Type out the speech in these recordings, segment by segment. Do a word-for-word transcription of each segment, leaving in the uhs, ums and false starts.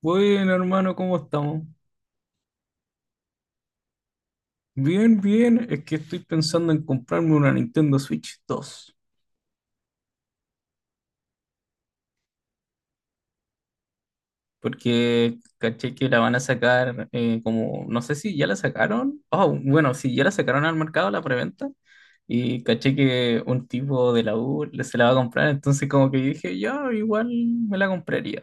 Bueno, hermano, ¿cómo estamos? Bien, bien. Es que estoy pensando en comprarme una Nintendo Switch dos porque caché que la van a sacar eh, como, no sé si ya la sacaron. Oh, bueno, si ya la sacaron al mercado, la preventa. Y caché que un tipo de la U le- se la va a comprar, entonces como que dije, ya, igual me la compraría.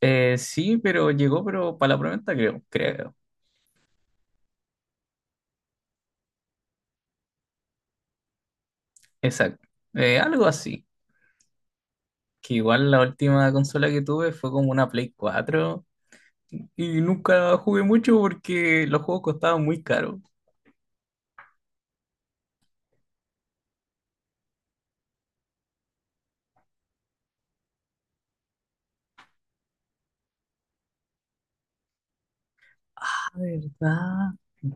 Eh, sí, pero llegó, pero para la preventa creo, creo. Exacto. Eh, algo así. Que igual la última consola que tuve fue como una Play cuatro. Y nunca jugué mucho porque los juegos costaban muy caro. Ah, ¿verdad?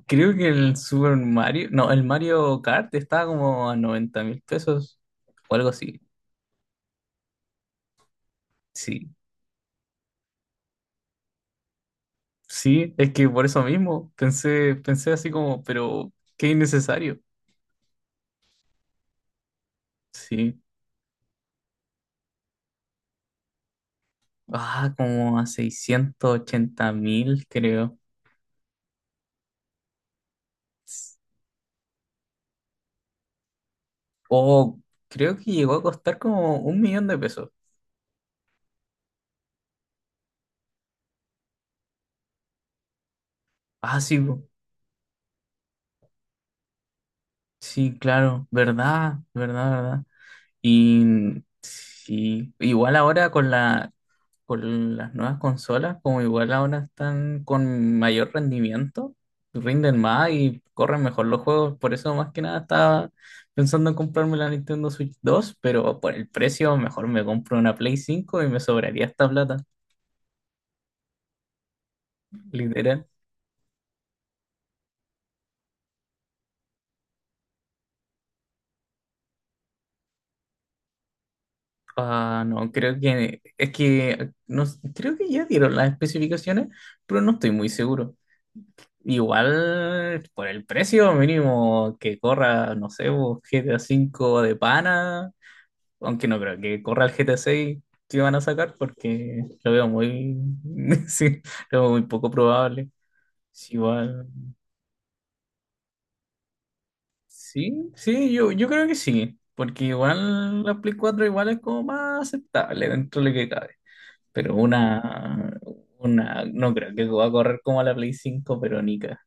Creo que el Super Mario, no, el Mario Kart estaba como a noventa mil pesos o algo así. Sí, sí, es que por eso mismo pensé, pensé así como, pero qué innecesario. Sí, ah, como a seiscientos ochenta mil, creo. O creo que llegó a costar como un millón de pesos. Ah, sí, po. Sí, claro, verdad, verdad, verdad. Y sí, igual ahora con la, con las nuevas consolas, como igual ahora están con mayor rendimiento, rinden más y corren mejor los juegos. Por eso más que nada estaba pensando en comprarme la Nintendo Switch dos, pero por el precio mejor me compro una Play cinco y me sobraría esta plata, literal. Ah, no, creo que es que no, creo que ya dieron las especificaciones, pero no estoy muy seguro. Igual por el precio mínimo que corra, no sé, vos, G T A cinco de pana, aunque no creo que corra el G T A seis que van a sacar porque lo veo muy, sí, lo veo muy poco probable. Sí, igual, sí, sí, yo, yo creo que sí, porque igual la Play cuatro igual es como más aceptable dentro de lo que cabe, pero una, una, no creo que va a correr como la Play cinco pero ni ca-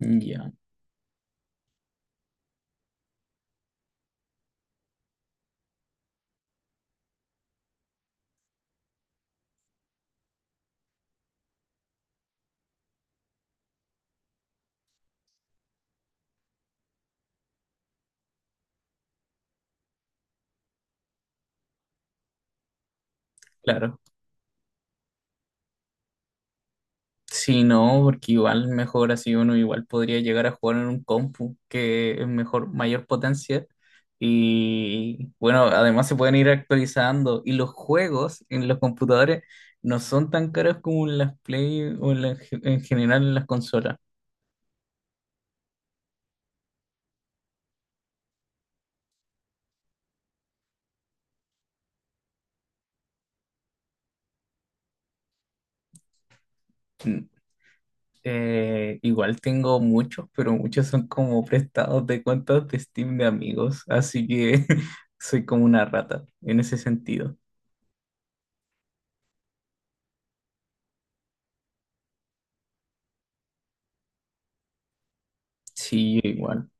Ya, claro. Sí, no, porque igual mejor así uno igual podría llegar a jugar en un compu que es mejor, mayor potencia. Y bueno, además se pueden ir actualizando. Y los juegos en los computadores no son tan caros como en las Play o en, la- en general en las consolas. Mm, eh, Igual tengo muchos, pero muchos son como prestados de cuentas de Steam de amigos. Así que soy como una rata en ese sentido. Sí, igual.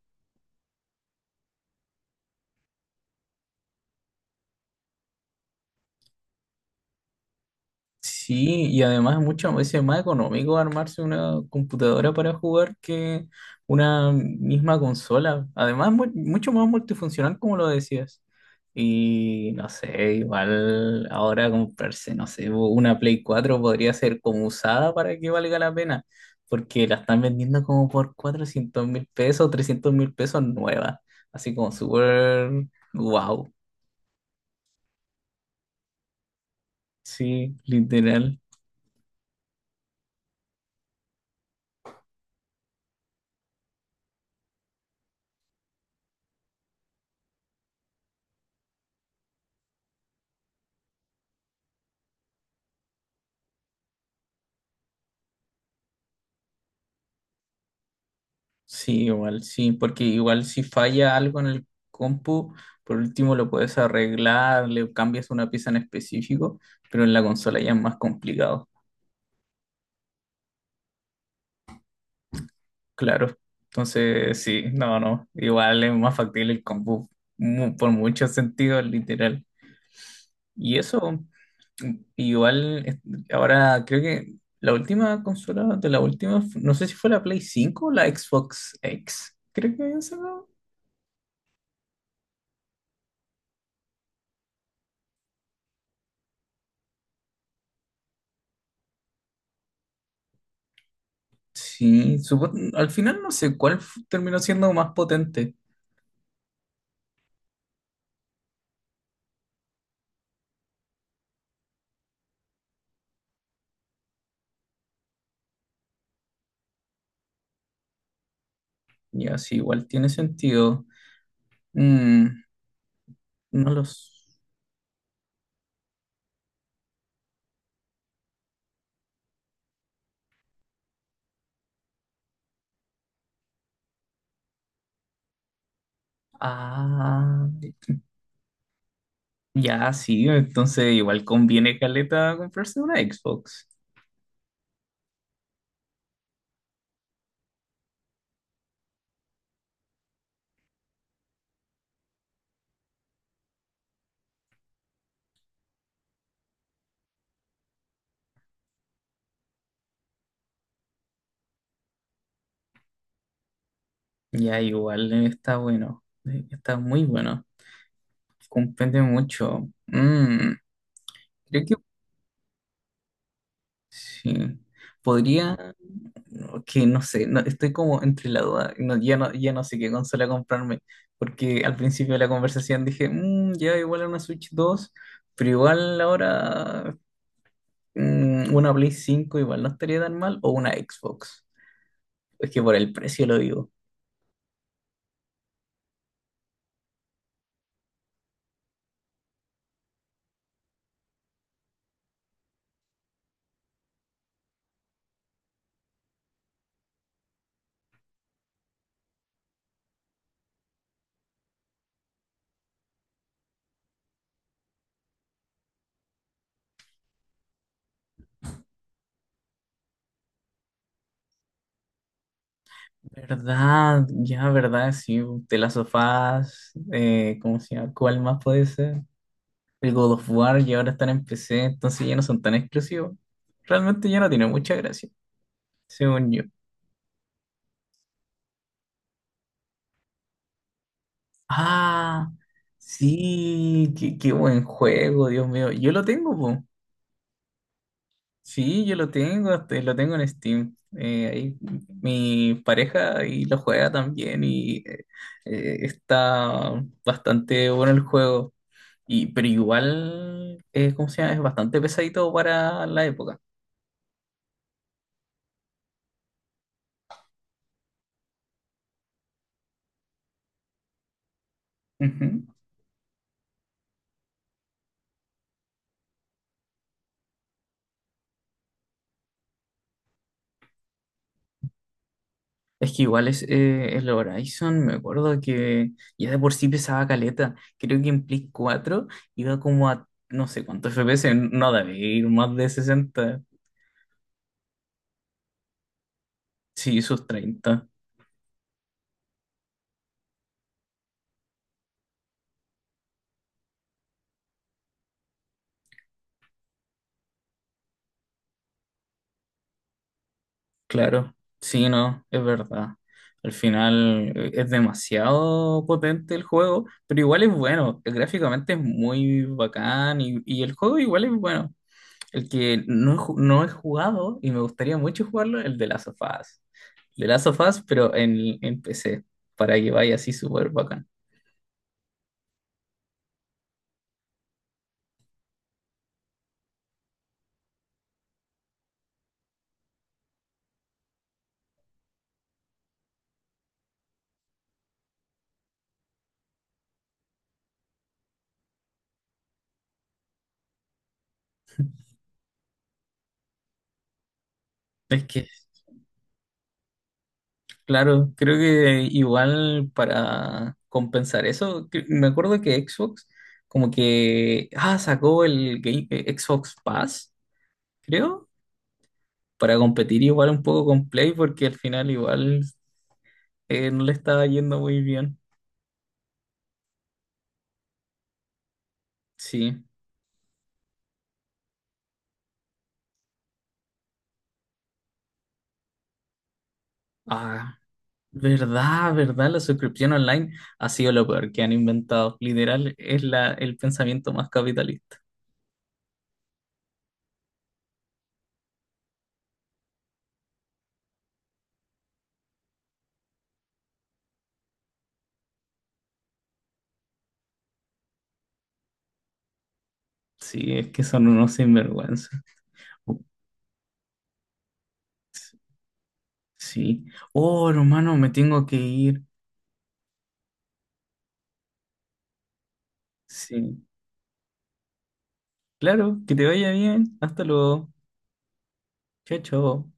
Sí, y además muchas veces es más económico armarse una computadora para jugar que una misma consola. Además, mu- mucho más multifuncional, como lo decías. Y no sé, igual ahora comprarse, no sé, una Play cuatro podría ser como usada para que valga la pena, porque la están vendiendo como por cuatrocientos mil pesos, trescientos mil pesos nueva. Así como súper wow, sí, literal. Sí, igual, sí, porque igual si falla algo en el compu, por último lo puedes arreglar, le cambias una pieza en específico, pero en la consola ya es más complicado, claro. Entonces, sí, no, no, igual es más factible el compu, mu- por muchos sentidos, literal. Y eso, igual, es- ahora creo que la última consola de la última, no sé si fue la Play cinco o la Xbox X, creo que esa. ¿No? Sí, supo- al final no sé cuál fu- terminó siendo más potente. Ya, sí, igual tiene sentido. Mm, no los... Ah, ya, sí, entonces igual conviene caleta comprarse una Xbox. Ya, igual eh, está bueno. eh, Está muy bueno. Comprende mucho. Mm, creo que sí. Podría. No, que no sé, no, estoy como entre la duda, no, ya no, ya no sé qué consola comprarme, porque al principio de la conversación dije, "Mm, ya igual a una Switch dos pero igual ahora mm, una Play cinco igual no estaría tan mal, o una Xbox, es que por el precio lo digo". ¿Verdad? Ya, ¿verdad? Sí, de las sofás, eh, ¿cómo se llama? ¿Cuál más puede ser? El God of War, y ahora están en P C, entonces ya no son tan exclusivos. Realmente ya no tiene mucha gracia, según yo. Ah, sí, qué, qué buen juego, Dios mío. Yo lo tengo, po. Sí, yo lo tengo, hasta- lo tengo en Steam. Eh, ahí mi pareja y lo juega también y eh, eh, está bastante bueno el juego. Y, pero igual, eh, ¿cómo se llama? Es bastante pesadito para la época. Ujú. Es que igual es eh, el Horizon, me acuerdo que ya de por sí pesaba caleta. Creo que en Play cuatro iba como a no sé cuántos F P S, no debe ir más de sesenta. Sí, sus treinta, claro. Sí, no, es verdad. Al final eh, es demasiado potente el juego, pero igual es bueno. Gráficamente es muy bacán y, y el juego igual es bueno. El que no he, ju- no he jugado y me gustaría mucho jugarlo, el de Last of Us. El de Last of Us, pero en, en P C, para que vaya así súper bacán. Es que, claro, creo que igual para compensar eso, cre- me acuerdo que Xbox como que, ah, sacó el Game- eh, Xbox Pass, creo, para competir igual un poco con Play, porque al final igual eh, no le estaba yendo muy bien. Sí. Ah. ¿Verdad, verdad? La suscripción online ha sido lo peor que han inventado. Literal, es la, el pensamiento más capitalista. Sí, es que son unos sinvergüenza. Sí. Oh, hermano, me tengo que ir. Sí. Claro, que te vaya bien. Hasta luego. Chao, chao.